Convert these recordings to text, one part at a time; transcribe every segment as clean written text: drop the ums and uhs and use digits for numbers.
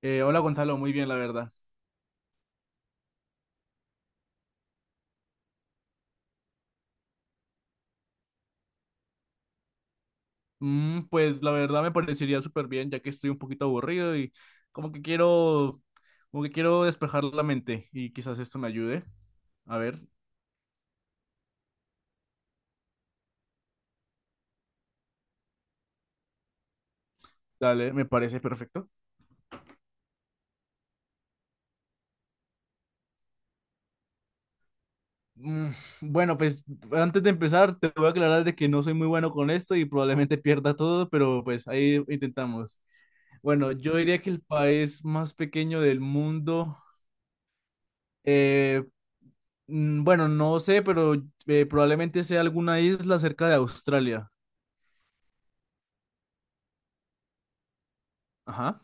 Hola Gonzalo, muy bien, la verdad. Pues la verdad me parecería súper bien, ya que estoy un poquito aburrido y como que quiero, como que quiero despejar la mente y quizás esto me ayude. A ver, dale, me parece perfecto. Mm, bueno, pues antes de empezar te voy a aclarar de que no soy muy bueno con esto y probablemente pierda todo, pero pues ahí intentamos. Bueno, yo diría que el país más pequeño del mundo, eh, bueno, no sé, pero probablemente sea alguna isla cerca de Australia. Ajá.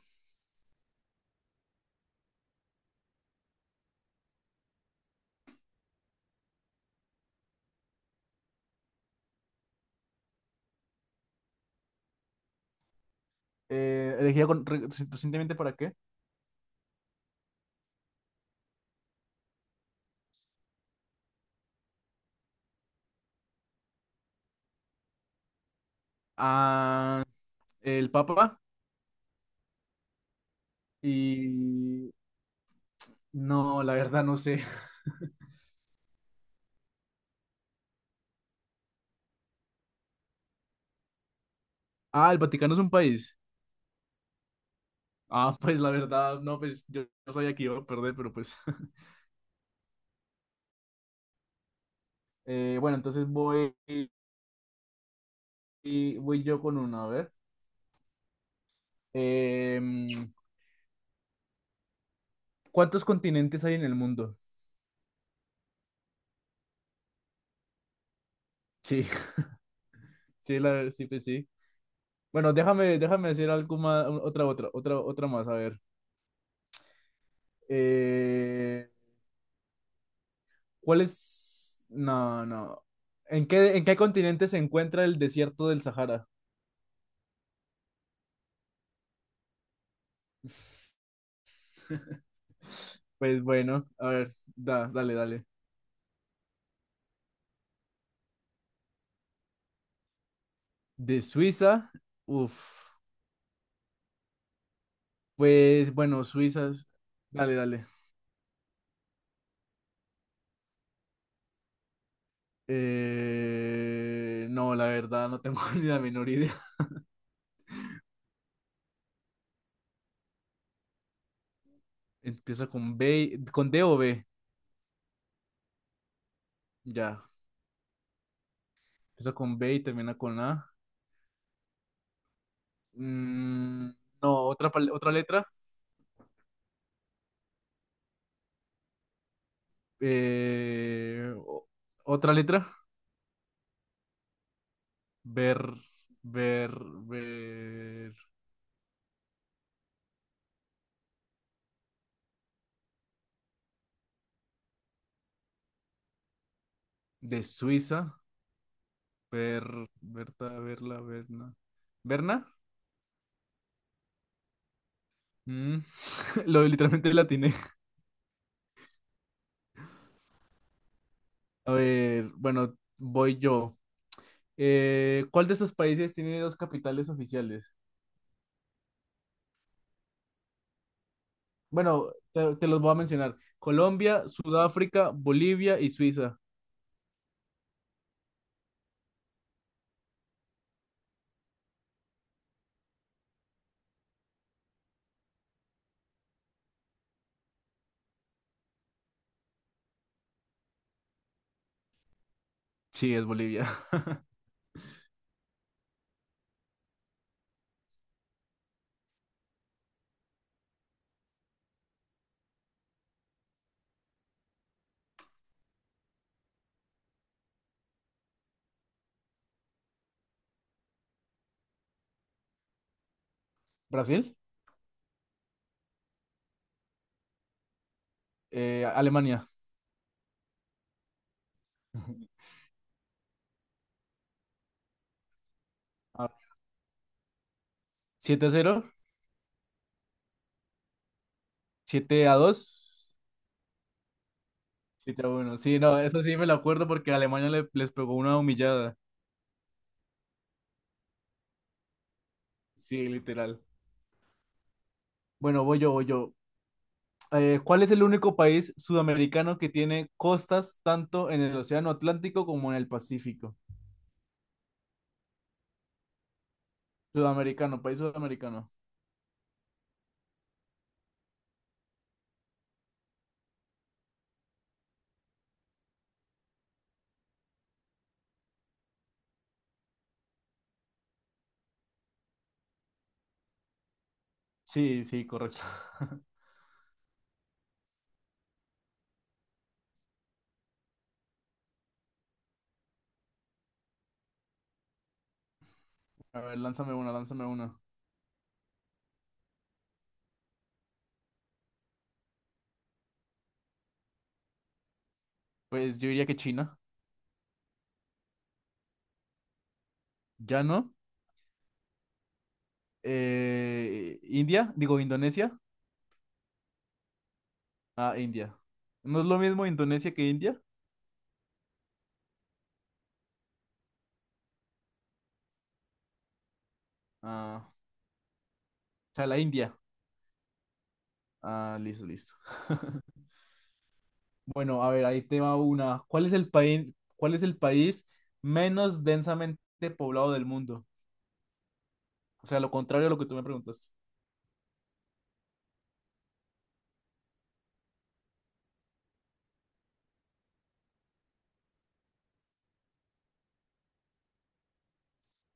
¿Elegida recientemente para qué? Ah, el Papa y... No, la verdad no sé. Ah, el Vaticano es un país. Ah, pues la verdad, no, pues yo no sabía que iba a perder, pero pues. Bueno, entonces voy yo con una, a ver. Em, ¿Cuántos continentes hay en el mundo? Sí, sí, la, sí, pues sí. Bueno, déjame decir algo más, otra más, a ver. Eh, ¿Cuál es? No, no. En qué continente se encuentra el desierto del Sahara? Pues bueno, a ver, dale, dale. De Suiza, uff, pues bueno, Suizas, dale, dale. No, la verdad, no tengo ni la menor idea. Empieza con B, con D o B, ya. Empieza con B y termina con A. Mm, no, otra, otra letra. Eh, o- Otra letra. Ver, ver, ver. De Suiza. Ver, Berta, verla, verna, verna. Mm, lo literalmente la atiné. A ver, bueno, voy yo. ¿Cuál de estos países tiene dos capitales oficiales? Bueno, te los voy a mencionar. Colombia, Sudáfrica, Bolivia y Suiza. Sí, es Bolivia. ¿Brasil? Alemania. Ah, 7-0. 7-2. Siete a 1. Sí, no, eso sí me lo acuerdo porque Alemania les pegó una humillada. Sí, literal. Bueno, voy yo. ¿Cuál es el único país sudamericano que tiene costas tanto en el Océano Atlántico como en el Pacífico? Sudamericano, país sudamericano. Sí, sí, correcto. A ver, lánzame una, lánzame una. Pues yo diría que China. ¿Ya no? ¿India? Digo, ¿Indonesia? Ah, India. ¿No es lo mismo Indonesia que India? Ah, o sea, la India. Ah, listo, listo. Bueno, a ver, ahí te va una. Cuál es el país menos densamente poblado del mundo? O sea, lo contrario a lo que tú me preguntas.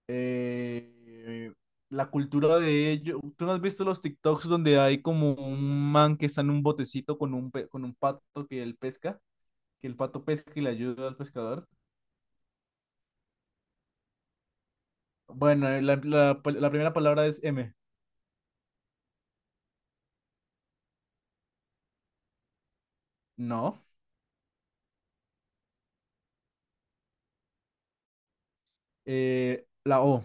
Eh, la cultura de ello. ¿Tú no has visto los TikToks donde hay como un man que está en un botecito con con un pato que él pesca? Que el pato pesca y le ayuda al pescador. Bueno, la primera palabra es M. No. La O.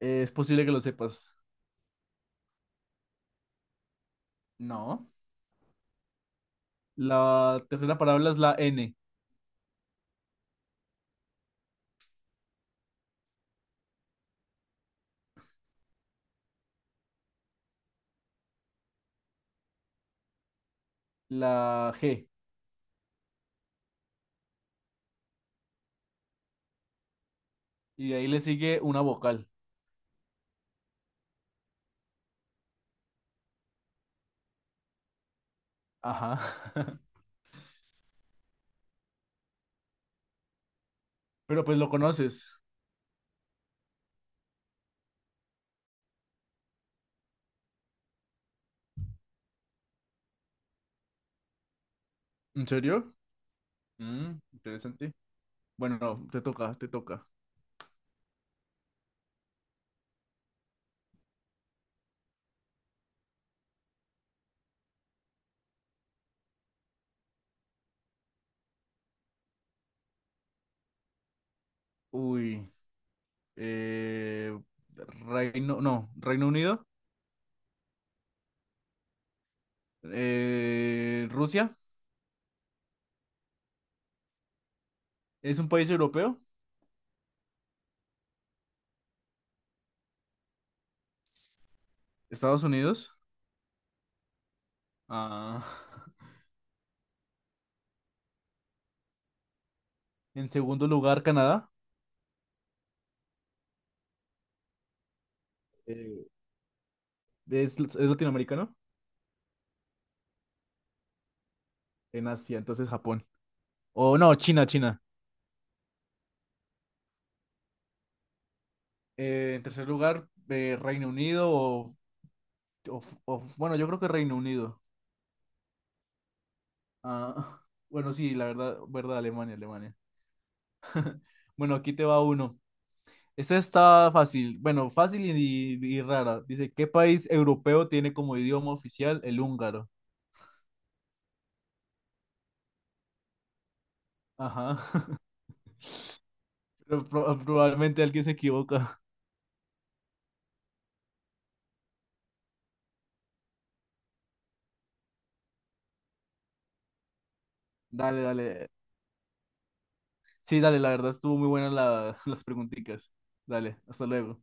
Es posible que lo sepas. No. La tercera palabra es la N, la G. Y de ahí le sigue una vocal. Ajá. Pero pues lo conoces. ¿En serio? Interesante. Bueno, no, te toca, te toca. Uy. eh, Reino, no, Reino Unido. Rusia. Es un país europeo. Estados Unidos. Ah. En segundo lugar, Canadá. eh, es latinoamericano. En Asia, entonces Japón. O no, China, China. En tercer lugar, Reino Unido, bueno, yo creo que Reino Unido. Ah, bueno, sí, la verdad, verdad, Alemania, Alemania. Bueno, aquí te va uno. Esta está fácil, bueno, fácil y rara. Dice, ¿qué país europeo tiene como idioma oficial el húngaro? Ajá. Pero probablemente alguien se equivoca. Dale, dale. Sí, dale, la verdad estuvo muy buena las preguntitas. Dale, hasta luego.